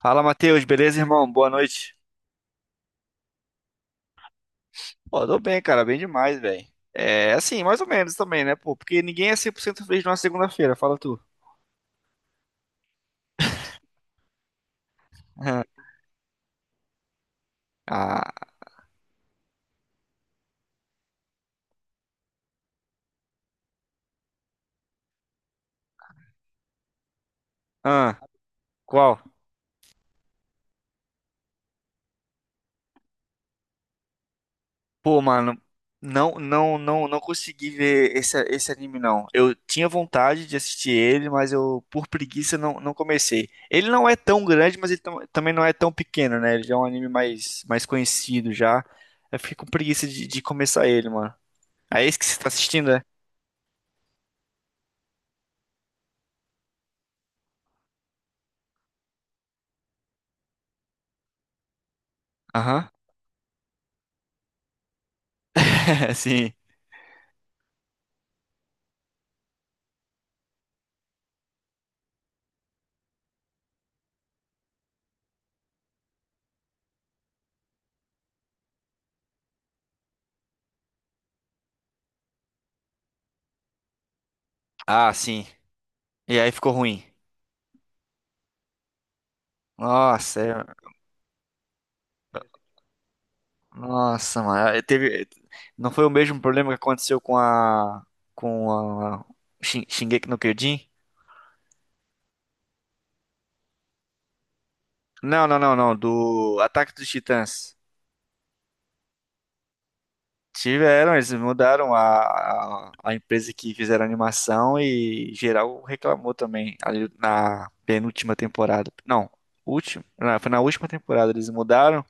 Fala, Matheus, beleza, irmão? Boa noite. Pô, tô bem, cara, bem demais, velho. É, assim, mais ou menos também, né, pô? Porque ninguém é 100% feliz numa segunda-feira, fala tu. Aham. Ah, ah, qual? Pô, mano, não, não, não, não consegui ver esse anime, não. Eu tinha vontade de assistir ele, mas eu, por preguiça, não comecei. Ele não é tão grande, mas ele também não é tão pequeno, né? Ele já é um anime mais conhecido já. Eu fiquei com preguiça de começar ele, mano. É esse que você tá assistindo, é? Aham. É assim. Ah, sim. E aí ficou ruim. Nossa, é- nossa, mano. Aí teve... Não foi o mesmo problema que aconteceu com a. Com a. Shingeki no Kyojin? Não, não, não, não. Do Ataque dos Titãs. Tiveram, eles mudaram a empresa que fizeram a animação e geral reclamou também ali na penúltima temporada. Não, última, não, foi na última temporada eles mudaram.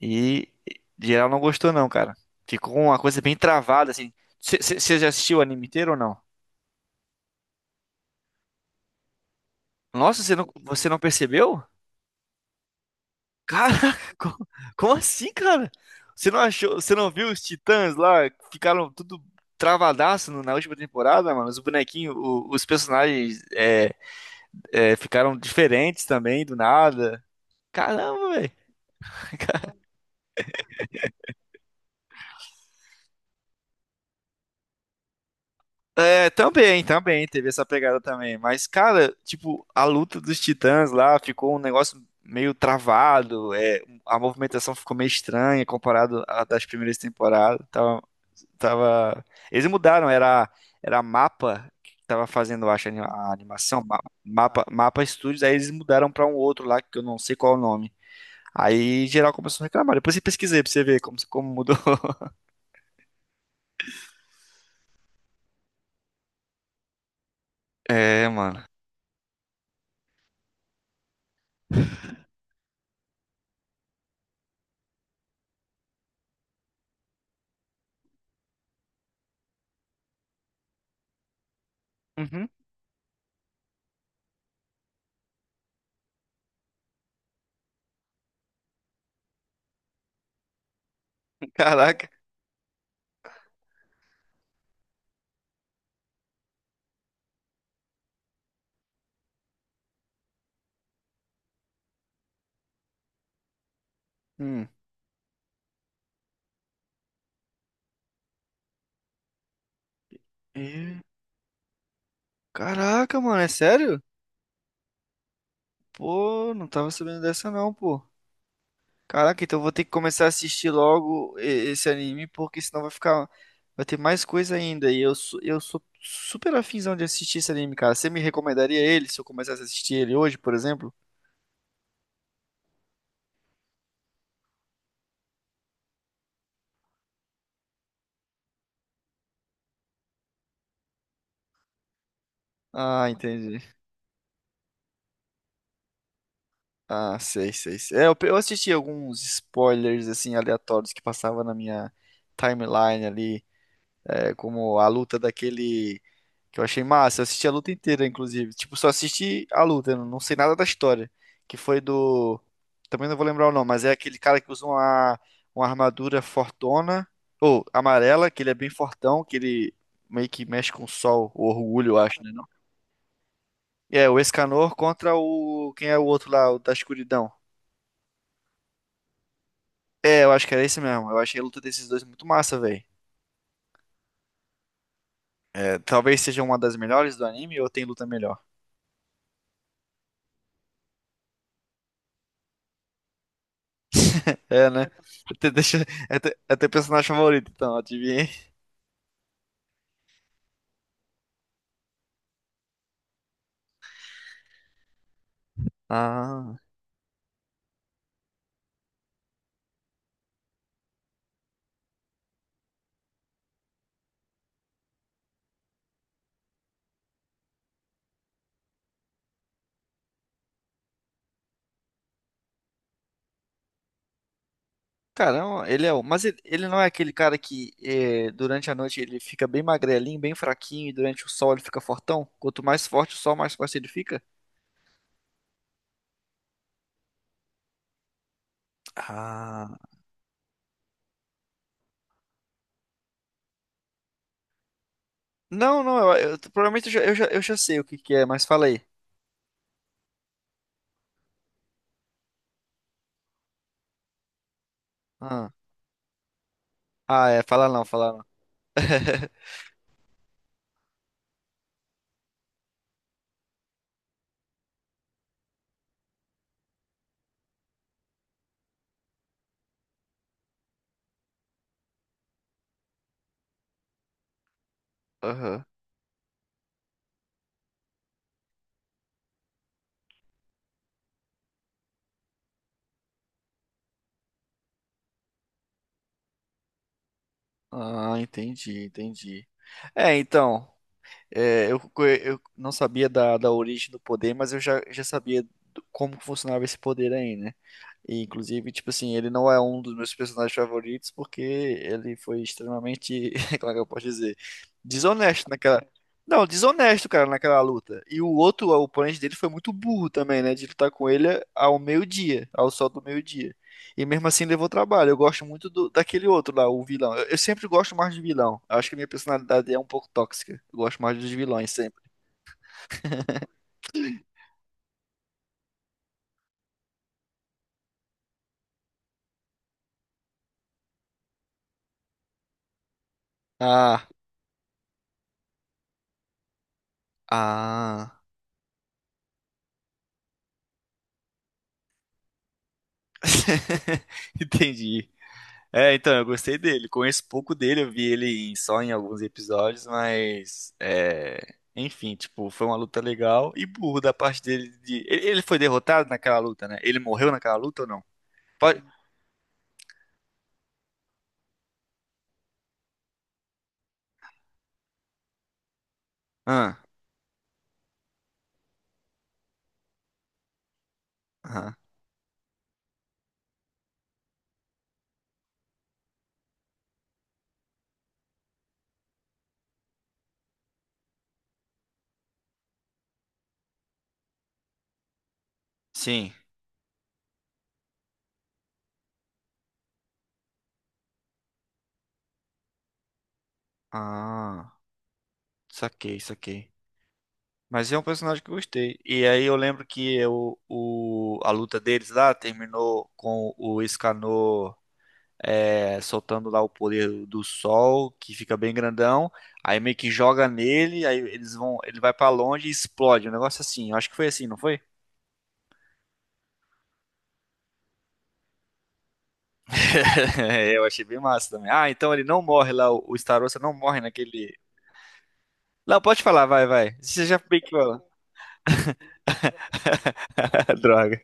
E geral não gostou não, cara. Ficou uma coisa bem travada, assim. Você já assistiu o anime inteiro ou não? Nossa, você não percebeu? Caraca, co- como assim, cara? Você não achou, você não viu os Titãs lá? Que ficaram tudo travadaço no- na última temporada, mano. Os bonequinhos, o- os personagens ficaram diferentes também, do nada. Caramba, velho. É, também, também, teve essa pegada também. Mas, cara, tipo, a luta dos titãs lá ficou um negócio meio travado, é, a movimentação ficou meio estranha comparado à das primeiras temporadas. Tava... Eles mudaram, era mapa que tava fazendo, eu acho, a animação, mapa, mapa Studios, aí eles mudaram pra um outro lá, que eu não sei qual é o nome. Aí geral começou a reclamar. Depois eu pesquisei pra você ver como mudou. É, mano. Uhum. Caraca. Hum. Caraca, mano, é sério? Pô, não tava sabendo dessa não, pô. Caraca, então eu vou ter que começar a assistir logo e- esse anime, porque senão vai ficar. Vai ter mais coisa ainda. E eu sou super afinzão de assistir esse anime, cara. Você me recomendaria ele se eu começasse a assistir ele hoje, por exemplo? Ah, entendi. Ah, sei, sei, sei. É, eu assisti alguns spoilers, assim, aleatórios que passavam na minha timeline ali. É como a luta daquele que eu achei massa. Eu assisti a luta inteira, inclusive. Tipo, só assisti a luta, eu não sei nada da história. Que foi do. Também não vou lembrar o nome, mas é aquele cara que usa uma, armadura fortona, ou amarela, que ele é bem fortão, que ele meio que mexe com o sol, o orgulho, eu acho, né? Não? É, o Escanor contra o. Quem é o outro lá, o da escuridão? É, eu acho que era esse mesmo. Eu achei a luta desses dois muito massa, velho. É, talvez seja uma das melhores do anime ou tem luta melhor? É, né? Até, deixa, até, até personagem favorito, então, adivinha. Ah, caramba, ele é o. Mas ele não é aquele cara que eh, durante a noite ele fica bem magrelinho, bem fraquinho, e durante o sol ele fica fortão? Quanto mais forte o sol, mais forte ele fica? Ah. Não, não, provavelmente eu já sei o que que é, mas fala aí. Ah, ah, é, fala não, fala não. Aham. Ah, entendi, entendi. É, então. É, eu não sabia da origem do poder, mas eu já sabia do- como funcionava esse poder aí, né? E, inclusive, tipo assim, ele não é um dos meus personagens favoritos porque ele foi extremamente, como é que eu posso dizer? Desonesto naquela. Não, desonesto, cara, naquela luta. E o outro, o oponente dele foi muito burro também, né? De lutar com ele ao meio-dia, ao sol do meio-dia. E mesmo assim levou trabalho. Eu gosto muito do- daquele outro lá, o vilão. Eu sempre gosto mais de vilão. Eu acho que a minha personalidade é um pouco tóxica. Eu gosto mais dos vilões sempre. Ah, ah. Entendi. É, então, eu gostei dele. Conheço pouco dele, eu vi ele em- só em alguns episódios, mas. É... Enfim, tipo, foi uma luta legal e burro da parte dele de. ele, foi derrotado naquela luta, né? Ele morreu naquela luta ou não? Pode. Ah, aham. Sim. Ah, saquei, saquei. Mas é um personagem que eu gostei. E aí eu lembro que eu, o, a luta deles lá terminou com o Escanor é, soltando lá o poder do sol, que fica bem grandão. Aí meio que joga nele, aí eles vão, ele vai pra longe e explode. Um negócio assim. Eu acho que foi assim, não foi? Eu achei bem massa também. Ah, então ele não morre lá, o Starosta não morre naquele. Não, pode falar, vai, vai. Você já meio que falou. Droga.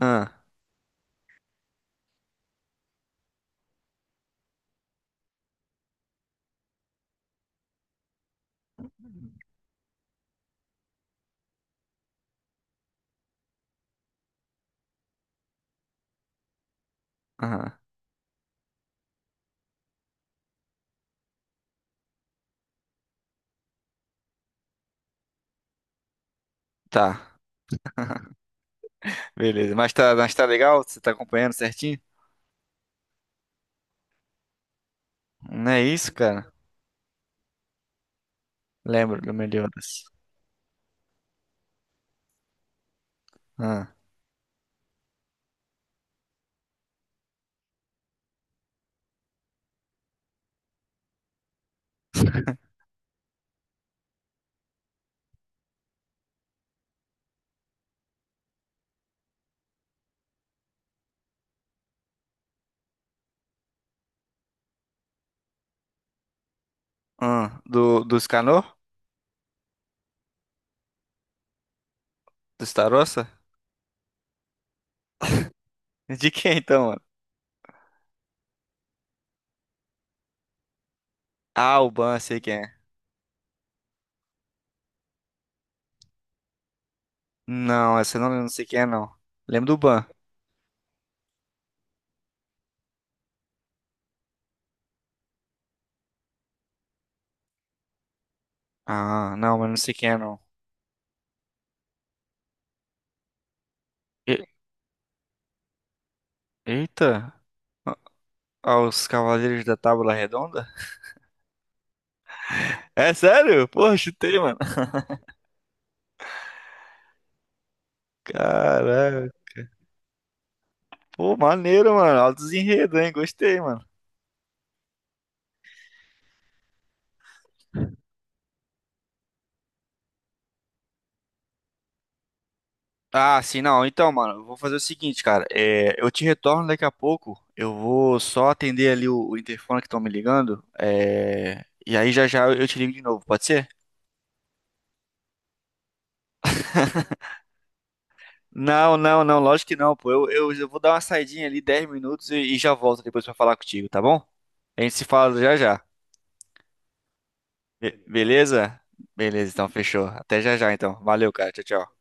Ah, ah, tá. Beleza. Mas tá legal? Você tá acompanhando certinho? Não é isso, cara? Lembro do Meliodas. Ah, ah, do Escanor? Do Starossa? De quem então, mano? Ah, o Ban, sei quem é. Não, essa eu não lembro, não sei quem é, não. Lembro do Ban. Ah, não, mas não sei quem é, não. E- eita! Ah, ah, os Cavaleiros da Tábua Redonda? É sério? Porra, chutei, mano. Caralho. Pô, maneiro, mano. Altos enredos, hein? Gostei, mano. Ah, sim, não. Então, mano, eu vou fazer o seguinte, cara. É, eu te retorno daqui a pouco. Eu vou só atender ali o interfone que estão me ligando. É, e aí já já eu te ligo de novo, pode ser? Não, não, não, lógico que não, pô. Eu vou dar uma saidinha ali, 10 minutos, e já volto depois pra falar contigo, tá bom? A gente se fala já já. Beleza? Beleza, então fechou. Até já já, então. Valeu, cara. Tchau, tchau.